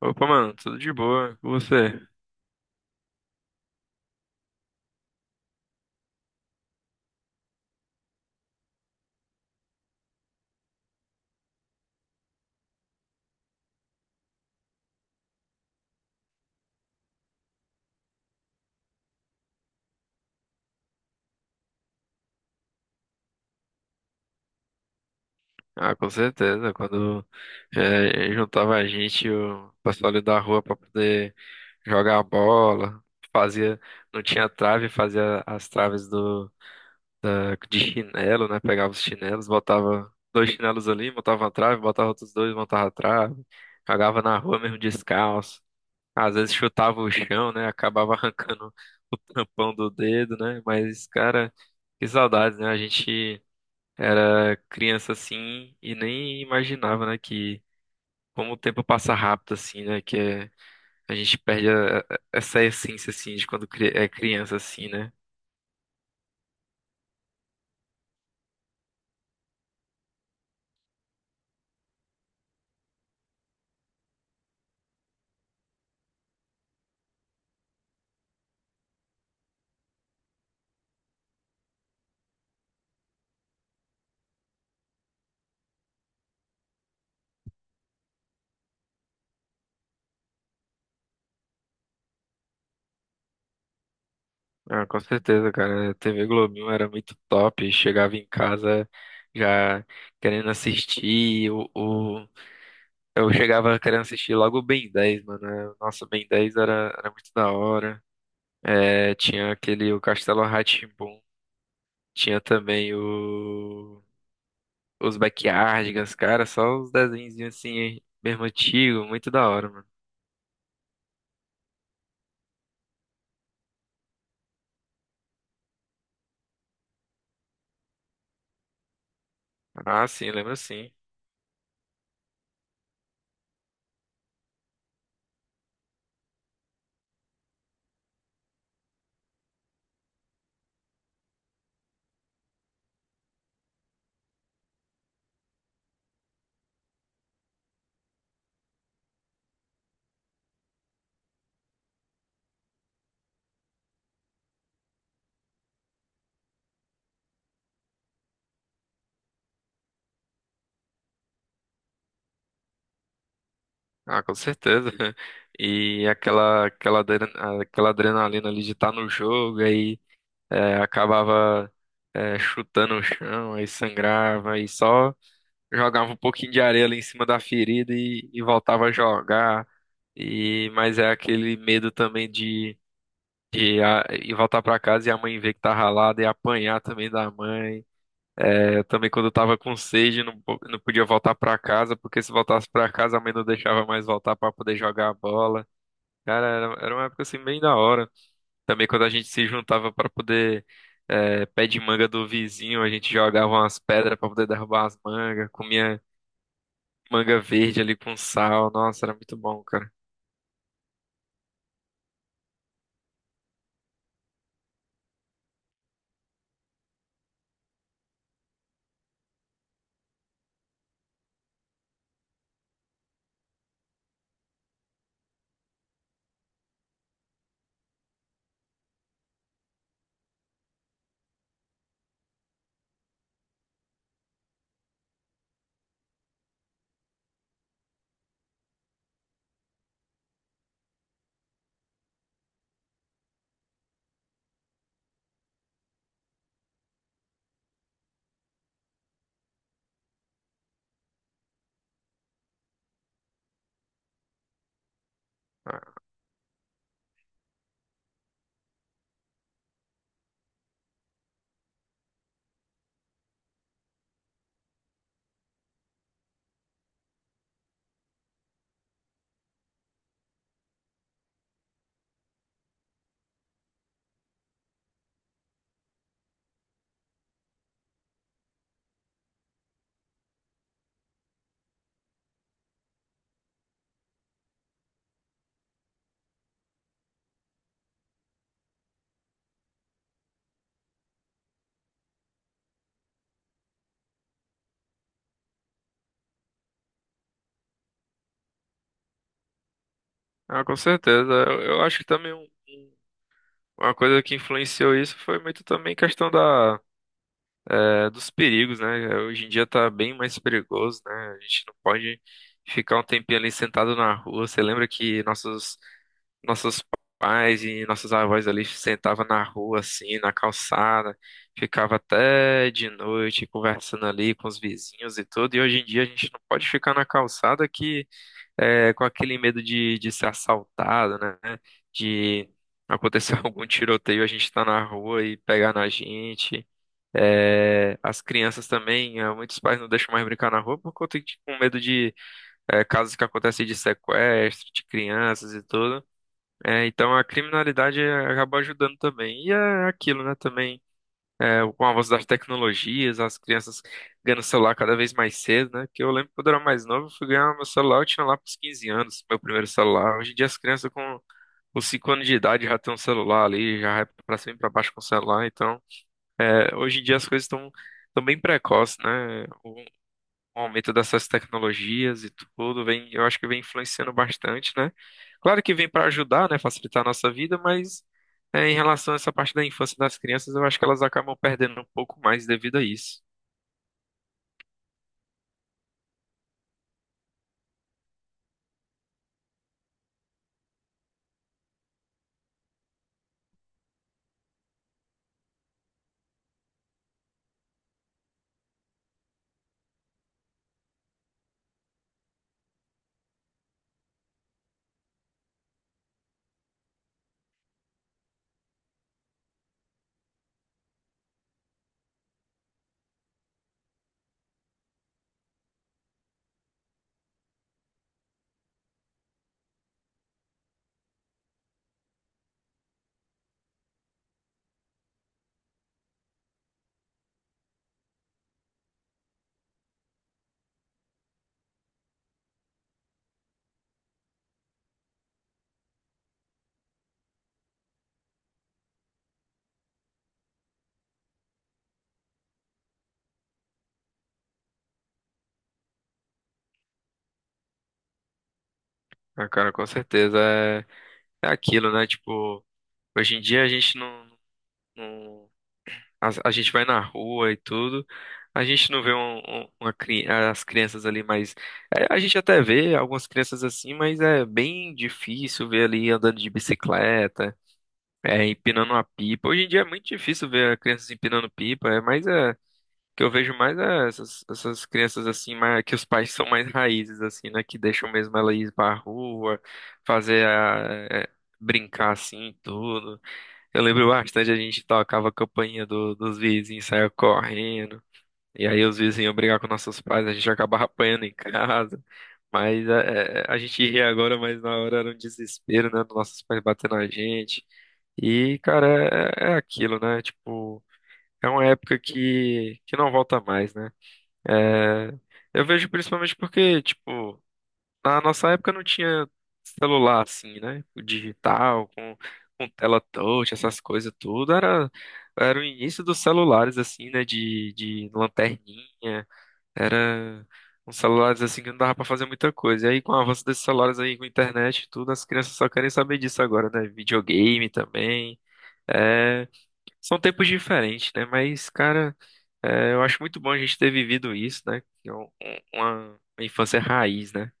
Opa, mano, tudo de boa com você? Ah, com certeza. Quando juntava a gente, o pessoal ali da rua pra poder jogar bola, fazia, não tinha trave, fazia as traves de chinelo, né? Pegava os chinelos, botava dois chinelos ali, montava uma trave, botava outros dois, montava a trave, jogava na rua mesmo descalço. Às vezes chutava o chão, né? Acabava arrancando o tampão do dedo, né? Mas, cara, que saudades, né? A gente era criança assim e nem imaginava, né, que como o tempo passa rápido assim, né, a gente perde essa essência assim de quando é criança assim, né? Ah, com certeza, cara. A TV Globinho era muito top. Chegava em casa já querendo assistir. Eu chegava querendo assistir logo o Ben 10, mano. Nossa, o Ben 10 era muito da hora. É, tinha aquele, o Castelo rá tinha também o. os Backyardigans, cara, só os desenhinhos assim, mesmo antigo, muito da hora, mano. Ah, sim, lembro sim. Ah, com certeza. E aquela adrenalina ali de estar no jogo, aí acabava chutando o chão, aí sangrava, aí só jogava um pouquinho de areia ali em cima da ferida e voltava a jogar. E, mas é aquele medo também de e voltar pra casa e a mãe ver que tá ralado e apanhar também da mãe. É, eu também quando eu tava com sede não, não podia voltar pra casa, porque se voltasse pra casa a mãe não deixava mais voltar pra poder jogar a bola. Cara, era uma época assim bem da hora. Também quando a gente se juntava pra poder pé de manga do vizinho, a gente jogava umas pedras pra poder derrubar as mangas, comia manga verde ali com sal. Nossa, era muito bom, cara. Ah, ah, com certeza. Eu acho que também uma coisa que influenciou isso foi muito também questão da dos perigos, né? Hoje em dia tá bem mais perigoso, né? A gente não pode ficar um tempinho ali sentado na rua. Você lembra que nossos pais e nossos avós ali sentavam na rua, assim, na calçada, ficava até de noite conversando ali com os vizinhos e tudo. E hoje em dia a gente não pode ficar na calçada que com aquele medo de ser assaltado, né? De acontecer algum tiroteio, a gente tá na rua e pegar na gente. É, as crianças também, muitos pais não deixam mais brincar na rua por conta de com medo de casos que acontecem de sequestro de crianças e tudo. É, então a criminalidade acaba ajudando também. E é aquilo, né? Também com o avanço das tecnologias, as crianças ganhando celular cada vez mais cedo, né? Que eu lembro quando eu era mais novo, eu fui ganhar meu celular, eu tinha lá pros 15 anos, meu primeiro celular. Hoje em dia as crianças com os 5 anos de idade já tem um celular ali, já vai pra cima e pra baixo com o celular, então. É, hoje em dia as coisas estão bem precoces, né? O aumento dessas tecnologias e tudo vem, eu acho que vem influenciando bastante, né? Claro que vem para ajudar, né, facilitar a nossa vida, mas em relação a essa parte da infância das crianças, eu acho que elas acabam perdendo um pouco mais devido a isso. Ah, cara, com certeza é aquilo, né? Tipo, hoje em dia a gente não, não A, a gente vai na rua e tudo. A gente não vê as crianças ali, mas a gente até vê algumas crianças assim, mas é bem difícil ver ali andando de bicicleta, empinando uma pipa. Hoje em dia é muito difícil ver crianças empinando pipa, é mais o que eu vejo mais é essas crianças assim, mais, que os pais são mais raízes assim, né, que deixam mesmo ela ir pra rua, fazer brincar assim, e tudo. Eu lembro bastante, a gente tocava a campainha dos vizinhos, saia correndo. E aí os vizinhos iam brigar com nossos pais, a gente acabava apanhando em casa. Mas é, a gente ri agora, mas na hora era um desespero, né? Dos nossos pais batendo na gente. E, cara, é aquilo, né? Tipo, é uma época que não volta mais, né? É, eu vejo principalmente porque, tipo. Na nossa época não tinha celular assim, né? O digital, com tela touch, essas coisas tudo. Era o início dos celulares, assim, né? De lanterninha. Era uns celulares assim que não dava pra fazer muita coisa. E aí, com o avanço desses celulares aí, com internet e tudo, as crianças só querem saber disso agora, né? Videogame também. É, são tempos diferentes, né? Mas, cara, eu acho muito bom a gente ter vivido isso, né? Que é uma infância raiz, né?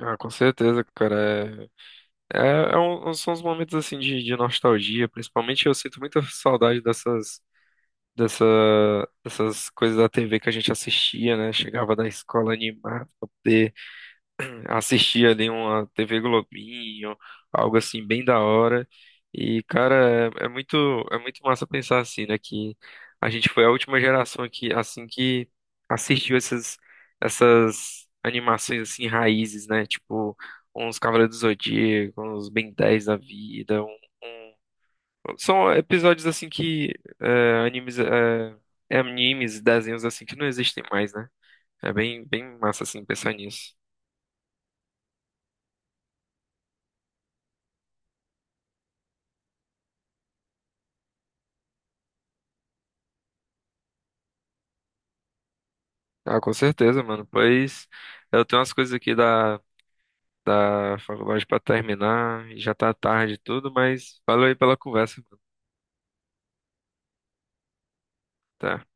Ah, com certeza, cara. São uns momentos assim de nostalgia, principalmente eu sinto muita saudade dessa, dessas coisas da TV que a gente assistia, né? Chegava da escola animado, assistir ali uma TV Globinho, algo assim bem da hora. E, cara, é muito massa pensar assim, né? Que a gente foi a última geração que, assim, que assistiu essas animações, assim, raízes, né? Tipo, uns Cavaleiros do Zodíaco, uns Ben 10 da vida, São episódios, assim, que é, animes, é, animes, desenhos, assim, que não existem mais, né? É bem, bem massa, assim, pensar nisso. Ah, com certeza, mano. Pois eu tenho umas coisas aqui da faculdade pra terminar e já tá tarde e tudo, mas valeu aí pela conversa, mano. Tá.